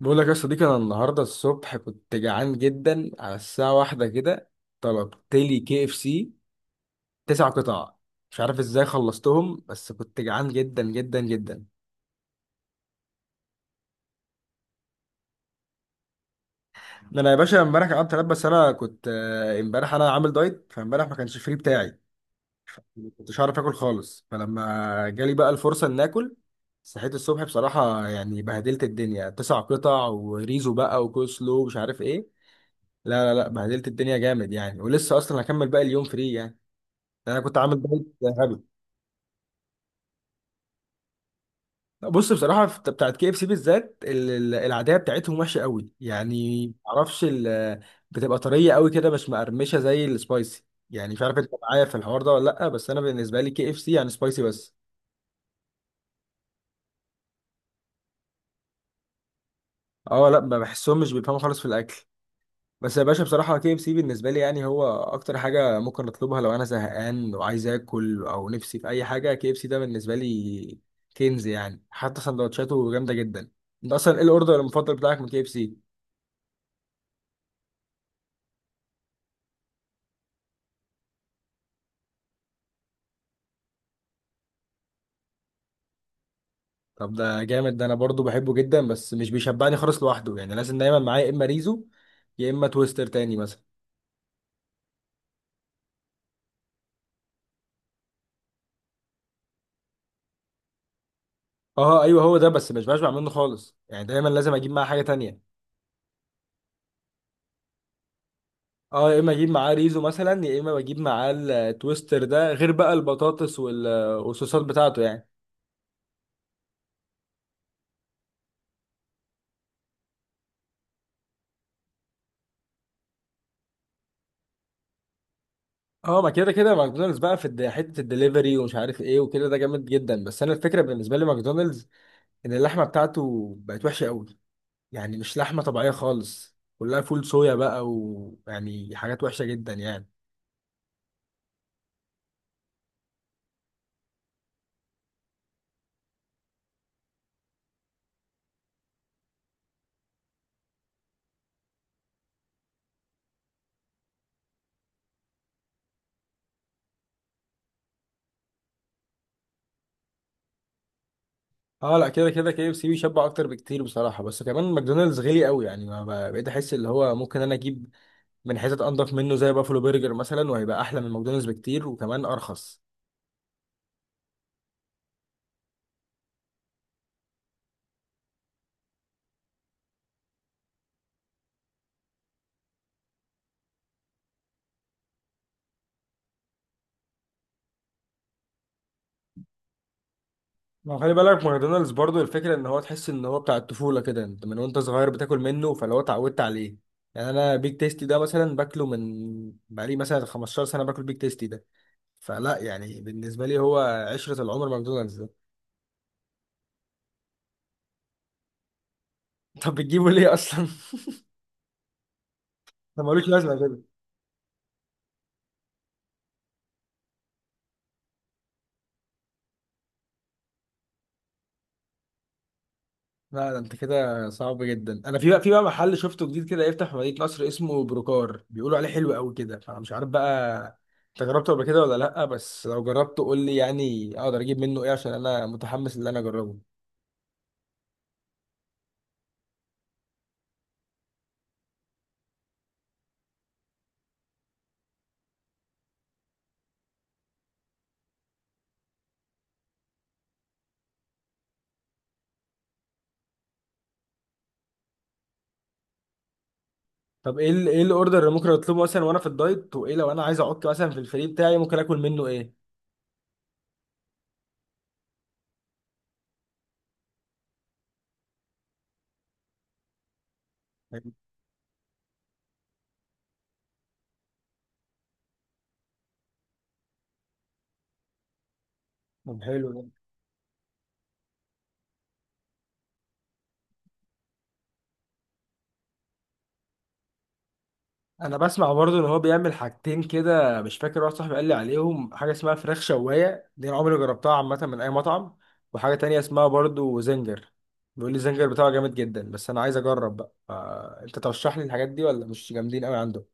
بقول لك يا صديقي، انا النهارده الصبح كنت جعان جدا على الساعه واحدة كده. طلبت لي كي اف سي تسع قطع، مش عارف ازاي خلصتهم بس كنت جعان جدا جدا جدا. ده انا يا باشا امبارح قعدت انام، بس انا كنت امبارح انا عامل دايت، فامبارح ما كانش فري بتاعي، ما كنتش عارف اكل خالص، فلما جالي بقى الفرصه ان اكل صحيت الصبح بصراحه يعني بهدلت الدنيا، تسع قطع وريزو بقى وكوسلو ومش عارف ايه. لا لا لا، بهدلت الدنيا جامد يعني، ولسه اصلا هكمل باقي اليوم فري يعني، يعني انا كنت عامل دايت غبي. بص بصراحه بتاعت كي اف سي بالذات العاديه بتاعتهم وحشه قوي يعني، معرفش بتبقى طريه قوي كده مش مقرمشه زي السبايسي. يعني مش عارف انت معايا في الحوار ده ولا لا، بس انا بالنسبه لي كي اف سي يعني سبايسي بس. اه لا، ما بحسهم مش بيفهموا خالص في الاكل. بس يا باشا بصراحه كي اف سي بالنسبه لي يعني هو اكتر حاجه ممكن اطلبها لو انا زهقان وعايز اكل او نفسي في اي حاجه، كي اف سي ده بالنسبه لي كنز يعني، حتى سندوتشاته جامده جدا. انت اصلا ايه الاوردر المفضل بتاعك من كي اف سي؟ طب ده جامد، ده انا برضو بحبه جدا بس مش بيشبعني خالص لوحده يعني، لازم دايما معايا يا اما ريزو يا اما تويستر تاني مثلا. اه ايوه هو ده، بس مش بشبع منه خالص يعني، دايما لازم اجيب معاه حاجه تانية. اه، يا اما اجيب معاه ريزو مثلا يا اما بجيب معاه التويستر، ده غير بقى البطاطس والصوصات بتاعته يعني. اه، ما كده كده ماكدونالدز بقى في حته الدليفري ومش عارف ايه وكده، ده جامد جدا، بس انا الفكره بالنسبه لي ماكدونالدز ان اللحمه بتاعته بقت وحشه قوي، يعني مش لحمة طبيعية خالص، كلها فول صويا بقى ويعني حاجات وحشة جدا يعني. اه لا، كده كده كي اف سي بيشبع اكتر بكتير بصراحة، بس كمان ماكدونالدز غالي قوي يعني، ما بقى- بقيت احس اللي هو ممكن انا اجيب من حتت انضف منه زي بافلو برجر مثلا، وهيبقى احلى من ماكدونالدز بكتير وكمان ارخص. ما هو خلي بالك ماكدونالدز برضو الفكرة ان هو تحس ان هو بتاع الطفولة كده، انت من وانت صغير بتاكل منه فلو اتعودت عليه. يعني انا بيك تيستي ده مثلا باكله من بقالي مثلا 15 سنة باكل بيك تيستي ده، فلا يعني بالنسبة لي هو عشرة العمر ماكدونالدز ده. طب بتجيبه ليه أصلا؟ ده ملوش لازمة كده. لا ده انت كده صعب جدا، انا في بقى محل شفته جديد كده يفتح في مدينة نصر اسمه بروكار، بيقولوا عليه حلو قوي كده، فانا مش عارف بقى انت جربته قبل كده ولا لا، بس لو جربته قول لي يعني اقدر اجيب منه ايه، عشان انا متحمس ان انا اجربه. طب ايه ايه الاوردر اللي ممكن اطلبه مثلا وانا في الدايت، وايه لو انا عايز اعك مثلا في الفري بتاعي ممكن اكل منه ايه؟ طيب، طب حلو. انا بسمع برضو ان هو بيعمل حاجتين كده، مش فاكر، واحد صاحبي قال لي عليهم، حاجه اسمها فراخ شوايه دي انا عمري ما جربتها عامه من اي مطعم، وحاجه تانية اسمها برضو زنجر، بيقول لي الزنجر بتاعه جامد جدا، بس انا عايز اجرب بقى، فانت ترشح لي الحاجات دي ولا مش جامدين قوي عنده؟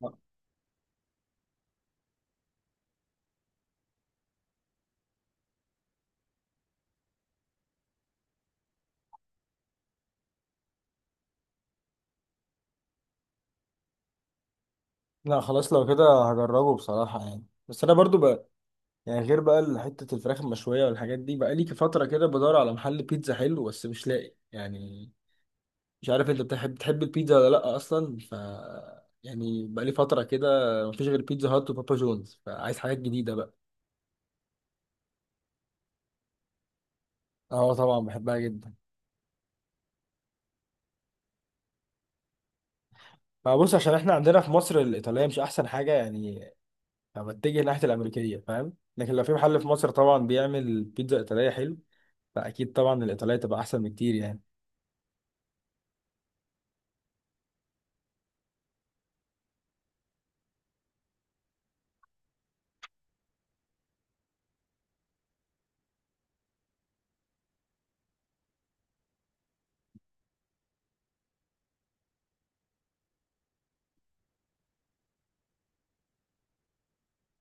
لا لا، خلاص لو كده هجربه بصراحه يعني. بس انا برضو بقى يعني، غير بقى حته الفراخ المشويه والحاجات دي، بقى لي فتره كده بدور على محل بيتزا حلو بس مش لاقي يعني. مش عارف انت بتحب البيتزا ولا لا اصلا، ف يعني بقالي فتره كده مفيش غير بيتزا هات وبابا جونز، فعايز حاجات جديده بقى. اه طبعا بحبها جدا. فبص، عشان احنا عندنا في مصر الايطاليه مش احسن حاجه يعني، فبتجه ناحيه الامريكيه فاهم، لكن لو في محل في مصر طبعا بيعمل بيتزا ايطاليه حلو فاكيد طبعا الايطاليه تبقى احسن بكتير يعني.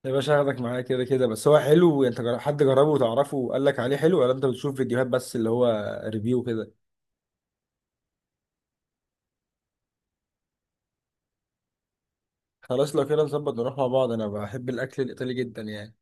يا باشا هاخدك معايا كده كده، بس هو حلو، انت حد جربه وتعرفه وقال لك عليه حلو، ولا انت بتشوف فيديوهات بس اللي هو ريفيو كده؟ خلاص لو كده نظبط نروح مع بعض، انا بحب الاكل الايطالي جدا يعني.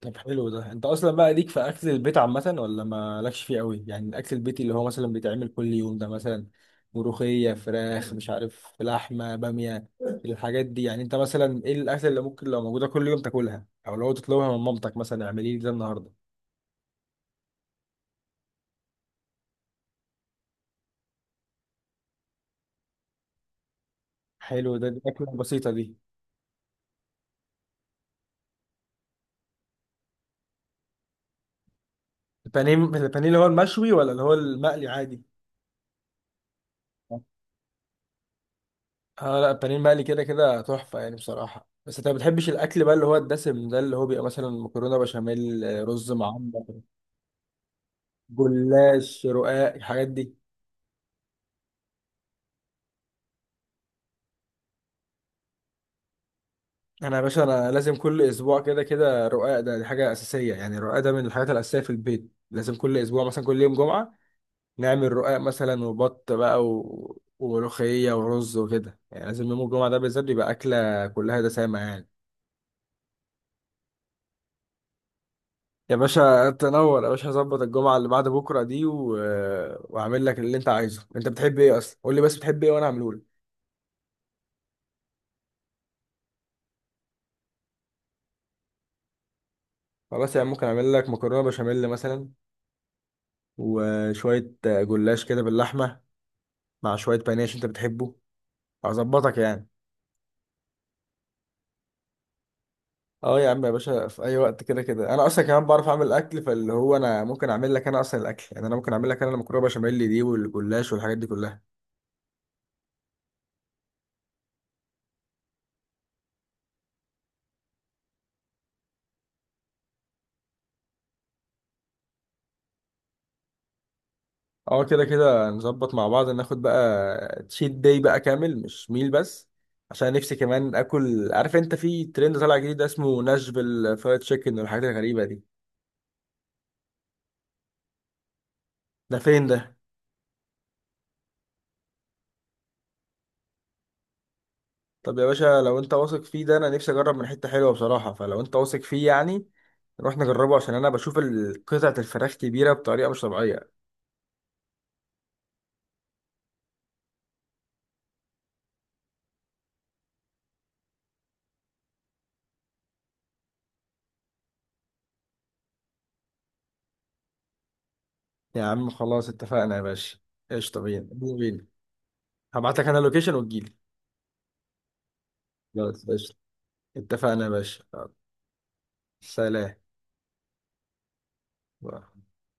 طب حلو، ده انت اصلا بقى ليك في اكل البيت عامه ولا ما لكش فيه قوي؟ يعني الاكل البيتي اللي هو مثلا بيتعمل كل يوم ده، مثلا ملوخيه، فراخ، مش عارف، لحمه، باميه، الحاجات دي يعني. انت مثلا ايه الاكل اللي ممكن لو موجوده كل يوم تاكلها او لو تطلبها من مامتك مثلا اعملي لي ده النهارده؟ حلو ده، دي اكله بسيطه دي. البانيه، البانيه اللي هو المشوي ولا اللي هو المقلي عادي؟ اه لا البانيه المقلي كده كده تحفه يعني بصراحه، بس انت ما بتحبش الاكل بقى اللي هو الدسم ده، اللي هو بيبقى مثلا مكرونه بشاميل، رز معمر، جلاش، رقاق، الحاجات دي. انا يا باشا انا لازم كل اسبوع كده كده رقاق، ده دي حاجه اساسيه يعني، الرقاق ده من الحاجات الاساسيه في البيت، لازم كل اسبوع مثلا كل يوم جمعه نعمل رقاق مثلا وبط بقى وملوخيه ورز وكده يعني، لازم يوم الجمعه ده بالذات يبقى اكله كلها دسامه يعني. يا باشا تنور يا باشا، هظبط الجمعه اللي بعد بكره دي واعمل لك اللي انت عايزه، انت بتحب ايه اصلا قول لي، بس بتحب ايه وانا اعمله لك. خلاص يعني ممكن اعمل لك مكرونه بشاميل مثلا، وشويه جلاش كده باللحمه، مع شوية بانيه عشان انت بتحبه، هظبطك يعني. اه يا عم يا باشا في اي وقت كده كده انا اصلا كمان بعرف اعمل الاكل، فاللي هو انا ممكن اعمل لك انا اصلا الاكل يعني، انا ممكن اعمل لك انا المكرونه بشاميل دي والجلاش والحاجات دي كلها. اه كده كده نظبط مع بعض ناخد بقى تشيت داي بقى كامل مش ميل بس، عشان نفسي كمان اكل. عارف انت في ترند طالع جديد اسمه ناشفيل فرايد تشيكن والحاجات الغريبه دي؟ ده فين ده؟ طب يا باشا لو انت واثق فيه ده، انا نفسي اجرب من حتة حلوة بصراحة، فلو انت واثق فيه يعني نروح نجربه، عشان انا بشوف قطعة الفراخ كبيرة بطريقة مش طبيعية. يا عم خلاص اتفقنا يا باشا، قشطة، بينا بينا بينا. هبعت لك انا اللوكيشن وتجيلي. خلاص قشطة، اتفقنا يا باشا. يلا، سلام.